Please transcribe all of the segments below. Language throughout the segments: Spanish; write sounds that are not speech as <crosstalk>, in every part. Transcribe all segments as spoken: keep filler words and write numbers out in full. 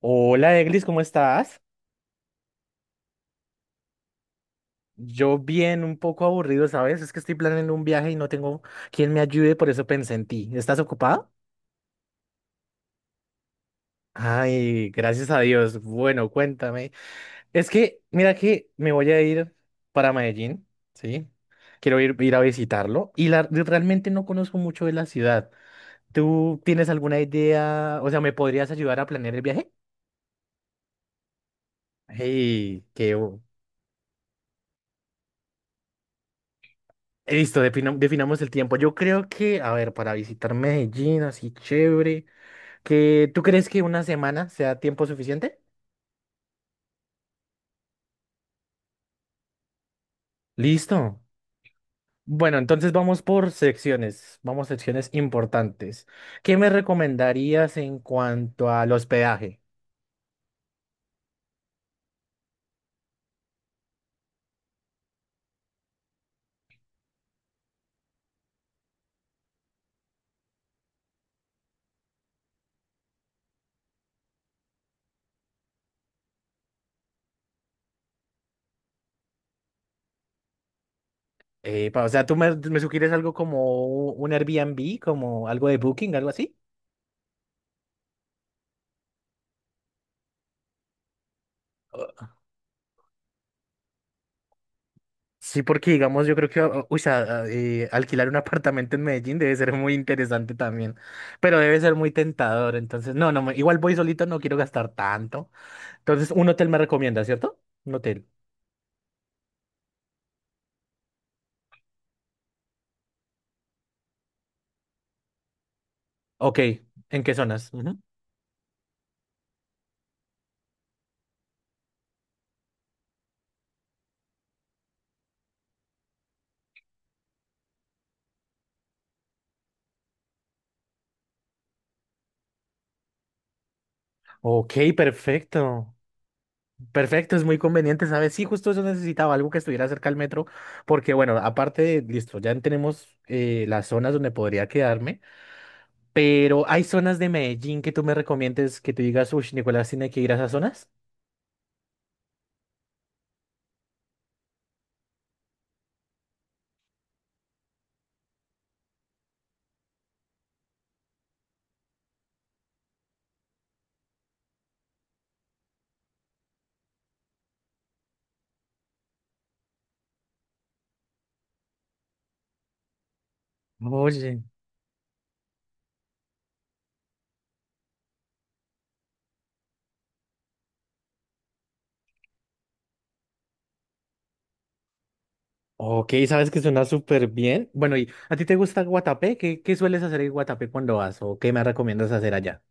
Hola, Eglis, ¿cómo estás? Yo bien, un poco aburrido, ¿sabes? Es que estoy planeando un viaje y no tengo quien me ayude, por eso pensé en ti. ¿Estás ocupada? Ay, gracias a Dios. Bueno, cuéntame. Es que, mira que me voy a ir para Medellín, ¿sí? Quiero ir, ir a visitarlo y la, realmente no conozco mucho de la ciudad. ¿Tú tienes alguna idea? O sea, ¿me podrías ayudar a planear el viaje? ¡Hey! qué, Listo, defina- definamos el tiempo. Yo creo que, a ver, para visitar Medellín, así chévere, que ¿tú crees que una semana sea tiempo suficiente? Listo. Bueno, entonces vamos por secciones, vamos secciones importantes. ¿Qué me recomendarías en cuanto al hospedaje? Eh, pa- o sea, ¿tú me, me sugieres algo como un Airbnb, como algo de Booking, algo así? Sí, porque digamos, yo creo que ah, uy, sa- ah, eh, alquilar un <laughs> apartamento en Medellín debe ser muy interesante también, pero debe ser muy tentador. Entonces, no, no, me- igual voy solito, no quiero gastar tanto. Entonces, un hotel me recomienda, ¿cierto? Un hotel. Ok, ¿en qué zonas? Ujú. Ok, perfecto. Perfecto, es muy conveniente, ¿sabes? Sí, justo eso necesitaba, algo que estuviera cerca al metro, porque bueno, aparte, listo, ya tenemos eh, las zonas donde podría quedarme. Pero hay zonas de Medellín que tú me recomiendes que tú digas, uy, Nicolás tiene que ir a esas zonas. Oye, ok, sabes que suena súper bien. Bueno, ¿y a ti te gusta Guatapé? ¿Qué, qué sueles hacer en Guatapé cuando vas? ¿O qué me recomiendas hacer allá?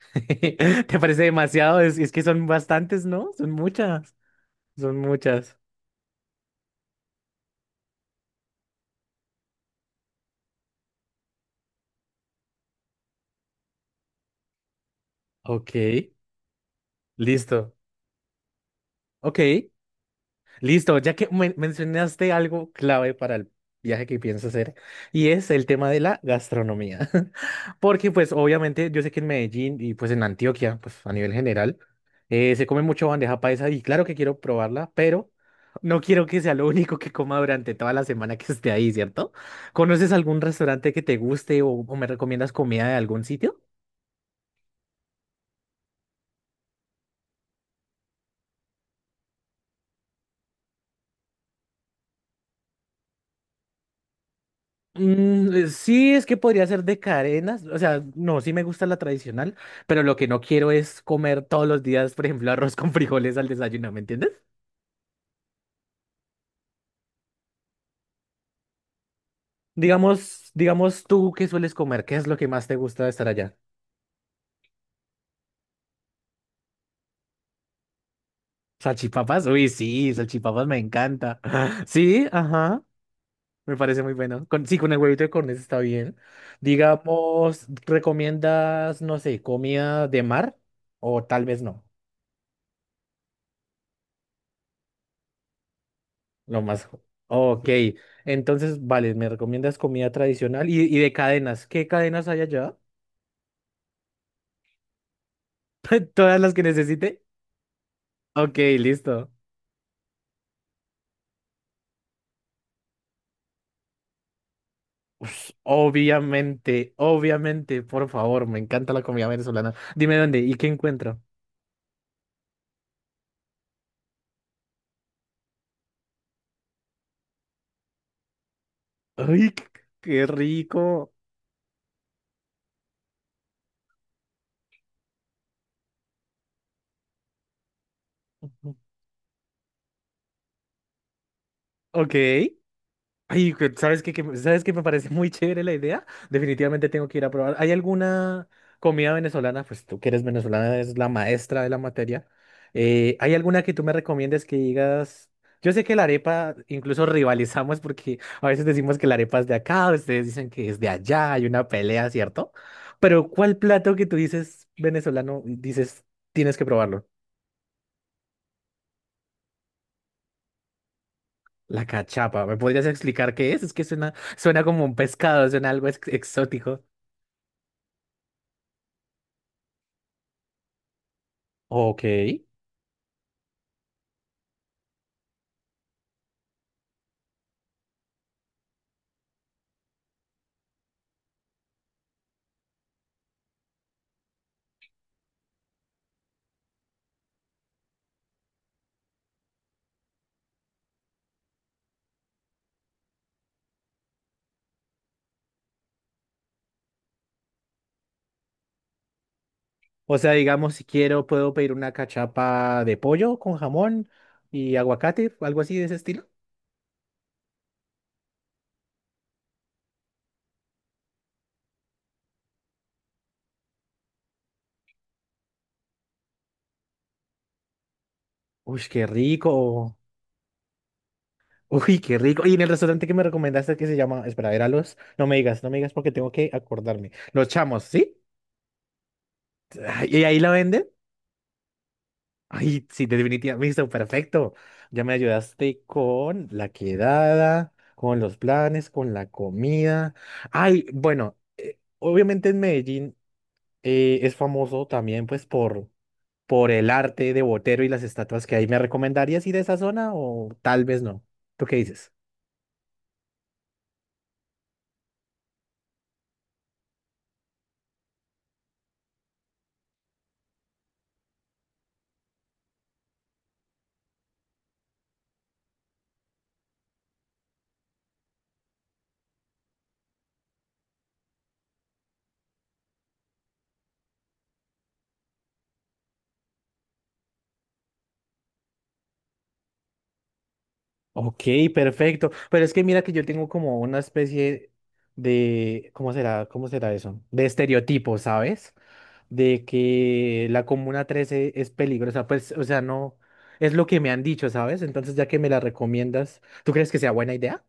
<laughs> ¿Te parece demasiado? Es, es que son bastantes, ¿no? Son muchas. Son muchas. Ok, listo. Ok. Listo, ya que men- mencionaste algo clave para el viaje que pienso hacer, y es el tema de la gastronomía. <laughs> Porque pues obviamente yo sé que en Medellín y pues en Antioquia, pues a nivel general, eh, se come mucho bandeja paisa y claro que quiero probarla, pero no quiero que sea lo único que coma durante toda la semana que esté ahí, ¿cierto? ¿Conoces algún restaurante que te guste o, o me recomiendas comida de algún sitio? Mm, eh, sí, es que podría ser de cadenas, o sea, no, sí me gusta la tradicional, pero lo que no quiero es comer todos los días, por ejemplo, arroz con <laughs> frijoles al desayuno, ¿me entiendes? Digamos, digamos tú, ¿qué sueles comer? ¿Qué es lo que más te gusta de estar allá? ¿Salchipapas? Uy, sí, salchipapas me encanta. <laughs> Sí, ajá, me parece muy bueno. Con, sí, con el huevito de corneta está bien. Digamos, ¿recomiendas, no sé, comida de mar? O tal vez no. Lo más. jo- Ok, entonces, vale, me recomiendas comida tradicional y, y de cadenas. ¿Qué cadenas hay allá? <laughs> ¿Todas las que necesite? Ok, listo. Ush, obviamente, obviamente, por favor, me encanta la comida venezolana. Dime dónde y qué encuentro. ¡Ay, qué qué rico! Ujú. Ok. Ay, que- ¿sabes qué, Que- ¿sabes qué me parece muy chévere la idea? Definitivamente tengo que ir a probar. ¿Hay alguna comida venezolana? Pues tú que eres venezolana, eres la maestra de la materia. Eh, ¿hay alguna que tú me recomiendes que digas? Yo sé que la arepa, incluso rivalizamos porque a veces decimos que la arepa es de acá, ustedes dicen que es de allá, hay una pelea, ¿cierto? Pero ¿cuál plato que tú dices venezolano, dices, tienes que probarlo? La cachapa, ¿me podrías explicar qué es? Es que suena, suena como un pescado, suena algo ex- exótico. Ok. O sea, digamos, si quiero, puedo pedir una cachapa de pollo con jamón y aguacate, algo así de ese estilo. Uy, qué rico. Uy, qué rico. Y en el restaurante que me recomendaste que se llama, espera, era los, no me digas, no me digas porque tengo que acordarme. Los Chamos, ¿sí? Ay, ¿y ahí la venden? Ay, sí, definitivamente, listo, perfecto. Ya me ayudaste con la quedada, con los planes, con la comida. Ay, bueno, eh, obviamente en Medellín, eh, es famoso también pues por, por el arte de Botero y las estatuas que hay. ¿Me recomendarías ir a esa zona o tal vez no? ¿Tú qué dices? Ok, perfecto. Pero es que mira que yo tengo como una especie de, ¿cómo será? ¿Cómo será eso? De estereotipo, ¿sabes? De que la Comuna trece es peligrosa. Pues, o sea, no, es lo que me han dicho, ¿sabes? Entonces, ya que me la recomiendas, ¿tú crees que sea buena idea?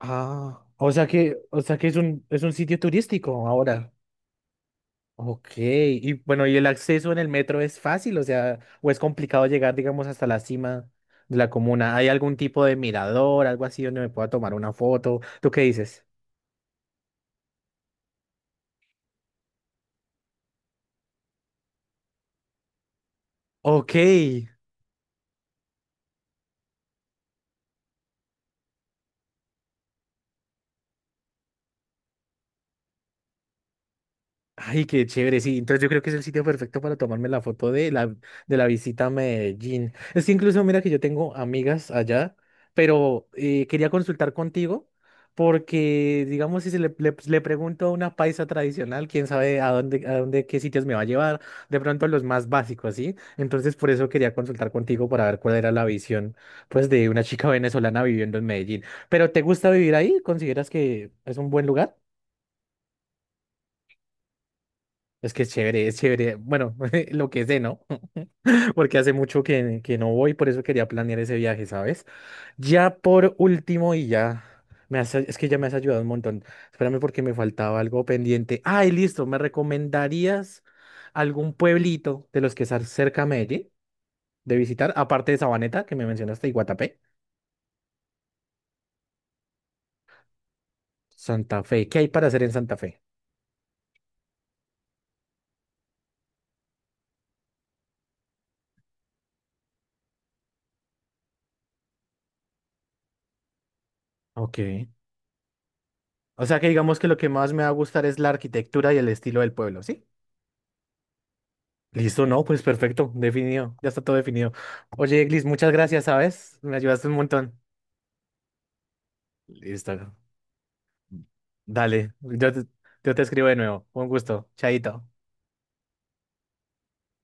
Ah, o sea que, o sea que es un, es un, sitio turístico ahora. Ok, y bueno, ¿y el acceso en el metro es fácil? O sea, ¿o es complicado llegar, digamos, hasta la cima de la comuna? ¿Hay algún tipo de mirador, algo así donde me pueda tomar una foto? ¿Tú qué dices? Ok, ay, qué chévere, sí. Entonces yo creo que es el sitio perfecto para tomarme la foto de la, de la visita a Medellín. Es que incluso mira que yo tengo amigas allá, pero eh, quería consultar contigo porque, digamos, si se le, le- le pregunto a una paisa tradicional, quién sabe a dónde, a dónde, qué sitios me va a llevar, de pronto los más básicos, ¿sí? Entonces por eso quería consultar contigo para ver cuál era la visión, pues, de una chica venezolana viviendo en Medellín. ¿Pero te gusta vivir ahí? ¿Consideras que es un buen lugar? Es que es chévere, es chévere. Bueno, <laughs> lo que sé, ¿no? <laughs> Porque hace mucho que, que no voy, por eso quería planear ese viaje, ¿sabes? Ya por último y ya. Me has- es que ya me has ayudado un montón. Espérame porque me faltaba algo pendiente. Ay, listo. ¿Me recomendarías algún pueblito de los que están cerca a Medellín de visitar? Aparte de Sabaneta, que me mencionaste, y Guatapé. Santa Fe. ¿Qué hay para hacer en Santa Fe? Ok. O sea que digamos que lo que más me va a gustar es la arquitectura y el estilo del pueblo, ¿sí? Listo, no, pues perfecto, definido, ya está todo definido. Oye, Eglis, muchas gracias, ¿sabes? Me ayudaste un montón. Listo. Dale, yo te, yo te escribo de nuevo. Un gusto. Chaito.